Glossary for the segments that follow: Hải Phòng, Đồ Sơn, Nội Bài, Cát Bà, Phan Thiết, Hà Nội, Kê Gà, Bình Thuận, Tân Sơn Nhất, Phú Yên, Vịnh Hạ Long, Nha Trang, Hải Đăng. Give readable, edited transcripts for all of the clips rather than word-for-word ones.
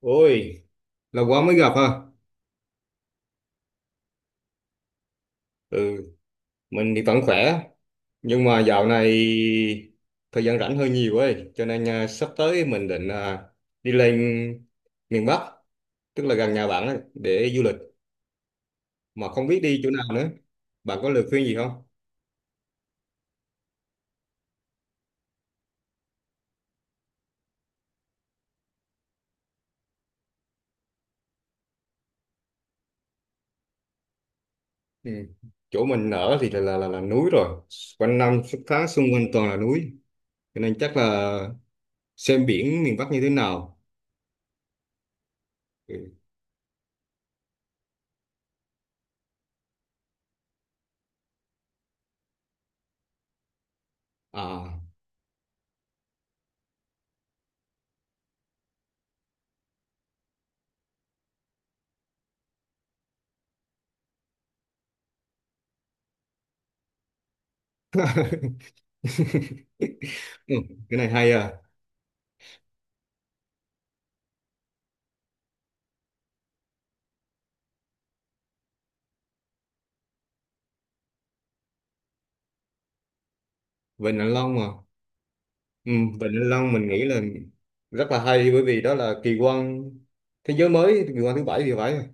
Ôi, lâu quá mới gặp ha. Ừ, mình thì vẫn khỏe, nhưng mà dạo này thời gian rảnh hơi nhiều ấy, cho nên sắp tới mình định đi lên miền Bắc, tức là gần nhà bạn ấy, để du lịch, mà không biết đi chỗ nào nữa. Bạn có lời khuyên gì không? Ừ. Chỗ mình ở thì là núi rồi, quanh năm suốt tháng xung quanh toàn là núi, cho nên chắc là xem biển miền Bắc như thế nào. Ừ. À, ừ, cái này hay à. Vịnh Hạ Long à? Ừ, Vịnh Hạ Long mình nghĩ là rất là hay, bởi vì đó là kỳ quan thế giới mới, kỳ quan thứ bảy thì phải.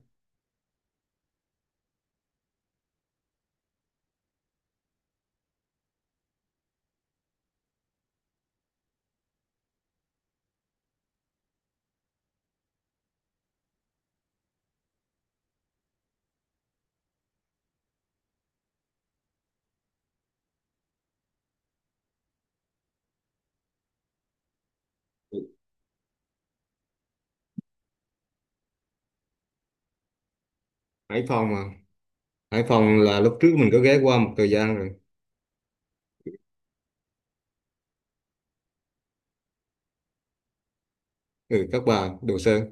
Hải Phòng à? Hải Phòng là lúc trước mình có ghé qua một thời gian rồi. Ừ, Cát Bà, Đồ Sơn.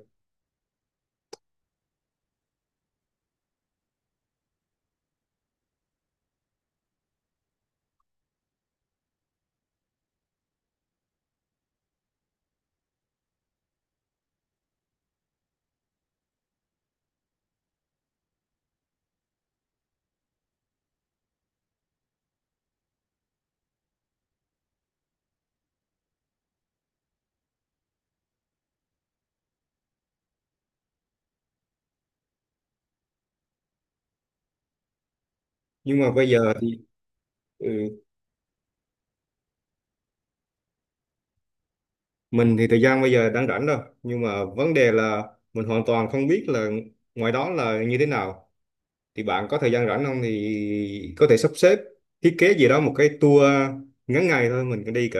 Nhưng mà bây giờ thì ừ, mình thì thời gian bây giờ đang rảnh đâu, nhưng mà vấn đề là mình hoàn toàn không biết là ngoài đó là như thế nào. Thì bạn có thời gian rảnh không thì có thể sắp xếp thiết kế gì đó một cái tour ngắn ngày thôi, mình cứ đi cỡ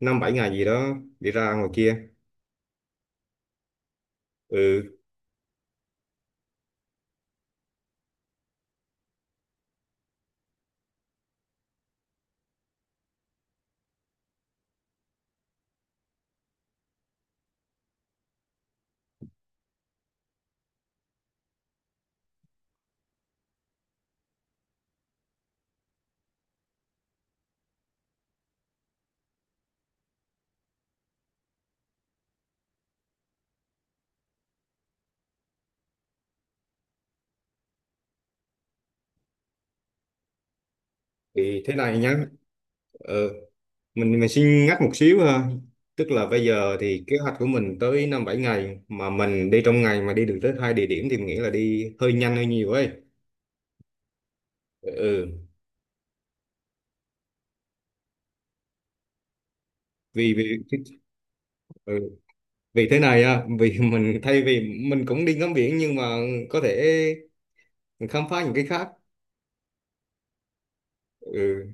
5, 7 ngày gì đó đi ra ngoài kia. Ừ, thì thế này nhá. Ờ, mình mình xin ngắt một xíu ha. Tức là bây giờ thì kế hoạch của mình tới 5, 7 ngày mà mình đi trong ngày mà đi được tới hai địa điểm thì mình nghĩ là đi hơi nhanh hơi nhiều ấy. Ừ. vì vì ừ, vì thế này á, vì mình thay vì mình cũng đi ngắm biển, nhưng mà có thể mình khám phá những cái khác. Ừ.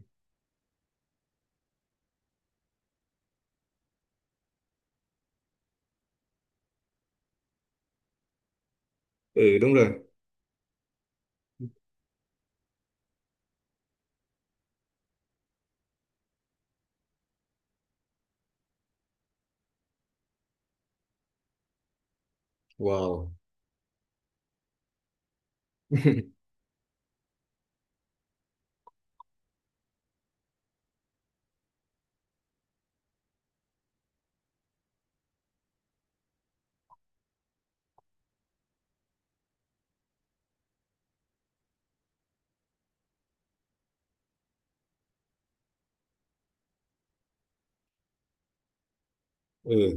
Ừ, đúng rồi. Wow. Ừ.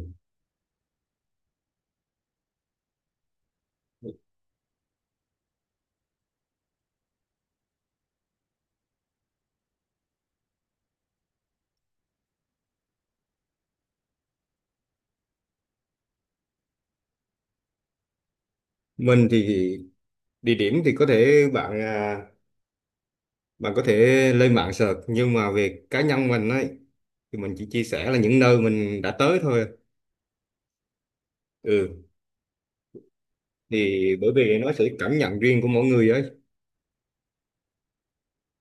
Mình thì địa điểm thì có thể bạn bạn có thể lên mạng search, nhưng mà về cá nhân mình ấy thì mình chỉ chia sẻ là những nơi mình đã tới thôi. Ừ. Thì bởi vì nó sẽ cảm nhận riêng của mỗi người ấy.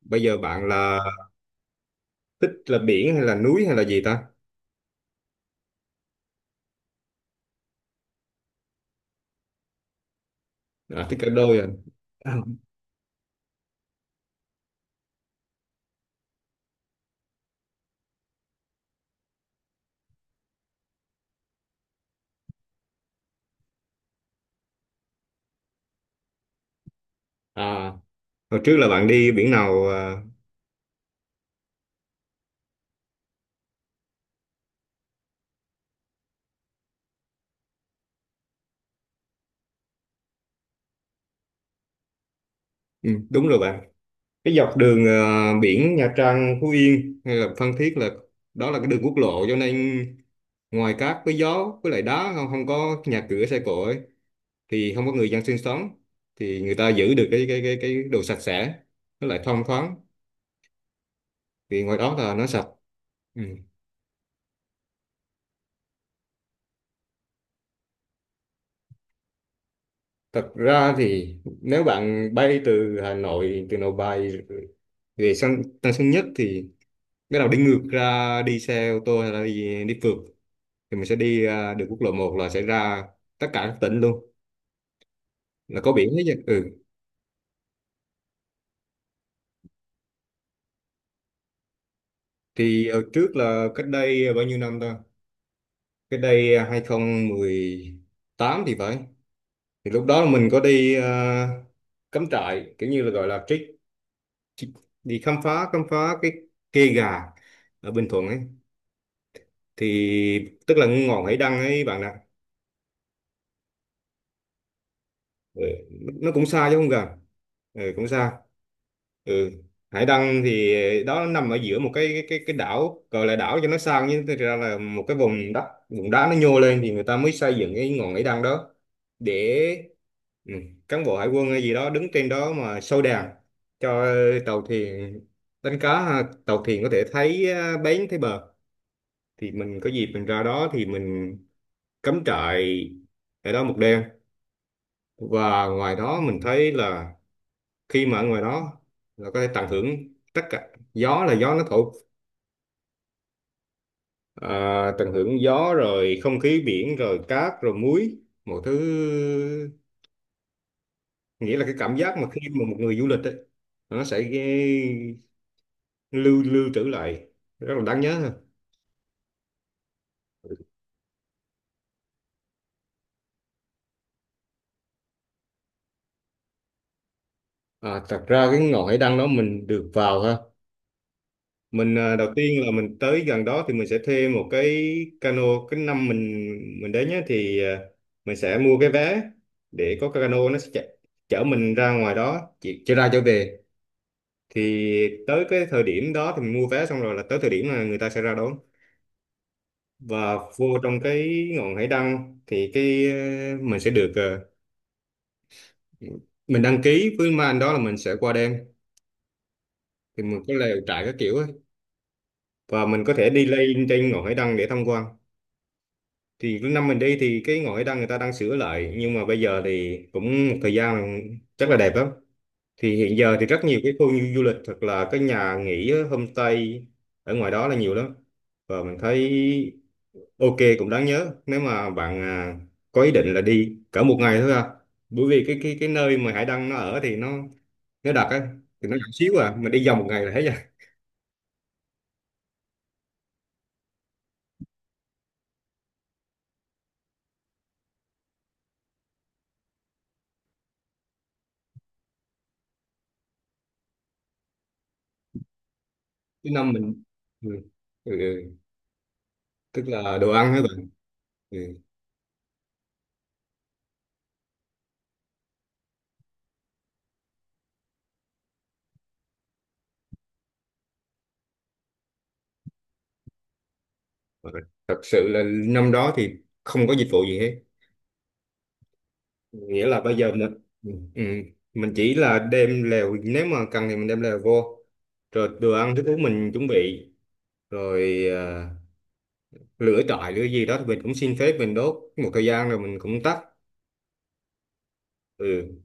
Bây giờ bạn là thích là biển hay là núi hay là gì ta? À, thích cả đôi à? À, hồi trước là bạn đi biển nào à? Ừ, đúng rồi bạn, cái dọc đường biển Nha Trang, Phú Yên hay là Phan Thiết là đó là cái đường quốc lộ, cho nên ngoài cát với gió với lại đá, không không có nhà cửa xe cộ ấy, thì không có người dân sinh sống. Thì người ta giữ được cái đồ sạch sẽ, nó lại thông thoáng, vì ngoài đó là nó sạch. Ừ. Thật ra thì nếu bạn bay từ Hà Nội, từ Nội Bài về sân Tân Sơn Nhất thì bắt đầu đi ngược ra, đi xe ô tô hay là đi phượt thì mình sẽ đi đường quốc lộ 1 là sẽ ra tất cả các tỉnh luôn, là có biển hết chứ. Ừ. Thì ở trước là cách đây bao nhiêu năm ta? Cách đây 2018 thì phải. Thì lúc đó là mình có đi cắm trại, kiểu như là gọi là trek, chị- đi khám phá cái kê gà ở Bình Thuận ấy, thì tức là ngọn Hải Đăng ấy bạn ạ. Ừ, nó cũng xa chứ không gần. Ừ, cũng xa. Ừ. Hải Đăng thì đó nằm ở giữa một cái đảo, gọi là đảo cho nó sang, nhưng thực ra là một cái vùng đất, vùng đá nó nhô lên, thì người ta mới xây dựng cái ngọn Hải Đăng đó để ừ, cán bộ hải quân hay gì đó đứng trên đó mà soi đèn cho tàu thuyền đánh cá ha, tàu thuyền có thể thấy bến, thấy bờ. Thì mình có dịp mình ra đó thì mình cắm trại ở đó một đêm, và ngoài đó mình thấy là khi mà ở ngoài đó là có thể tận hưởng tất cả, gió là gió nó thổi, tận hưởng gió rồi không khí biển rồi cát rồi muối, một thứ, nghĩa là cái cảm giác mà khi mà một người du lịch ấy, nó sẽ lưu lưu trữ lại rất là đáng nhớ ha. Thật ra cái ngọn hải đăng đó mình được vào ha. Mình đầu tiên là mình tới gần đó thì mình sẽ thuê một cái cano. Cái năm mình đến nhé thì mình sẽ mua cái vé để có cái cano nó sẽ chở mình ra ngoài đó, chỉ ra trở về. Thì tới cái thời điểm đó thì mình mua vé xong rồi là tới thời điểm là người ta sẽ ra đón và vô trong cái ngọn hải đăng thì cái mình sẽ được mình đăng ký với mấy anh đó là mình sẽ qua đêm, thì mình có lều trại các kiểu ấy. Và mình có thể đi lên trên ngọn hải đăng để tham quan. Thì năm mình đi thì cái ngọn hải đăng người ta đang sửa lại, nhưng mà bây giờ thì cũng một thời gian, chắc là đẹp lắm. Thì hiện giờ thì rất nhiều cái khu du lịch, thật là cái nhà nghỉ á, homestay ở ngoài đó là nhiều lắm, và mình thấy ok, cũng đáng nhớ, nếu mà bạn có ý định là đi cỡ một ngày thôi à, bởi vì cái nơi mà Hải Đăng nó ở thì nó đặc ấy, thì nó nhỏ xíu à, mình đi vòng một ngày là hết rồi. Thứ năm mình ừ. Ừ. Ừ. Tức là đồ ăn hả bạn? Ừ. Ờ, thật sự là năm đó thì không có dịch vụ gì hết. Nghĩa là bây giờ mình. Ừ. Ừ, mình chỉ là đem lèo, nếu mà cần thì mình đem lèo vô, rồi đồ ăn thức uống mình chuẩn bị, rồi lửa trại lửa gì đó thì mình cũng xin phép mình đốt một thời gian rồi mình cũng tắt. Ừ.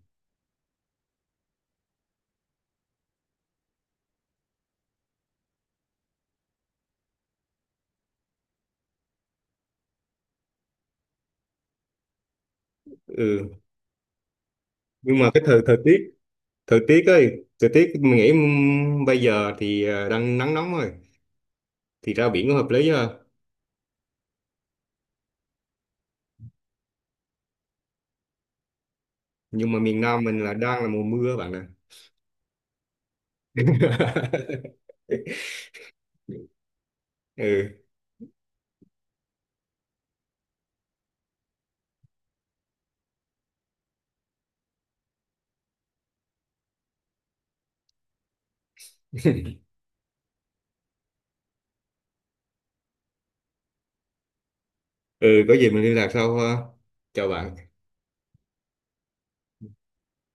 Ừ. Nhưng mà cái thời thời tiết, thời tiết ấy, thời tiết mình nghĩ bây giờ thì đang nắng nóng rồi thì ra biển có hợp lý ha. Nhưng mà miền Nam mình là đang là mùa mưa bạn ạ. Ừ. Ừ, có gì mình liên lạc sau ha. Chào bạn.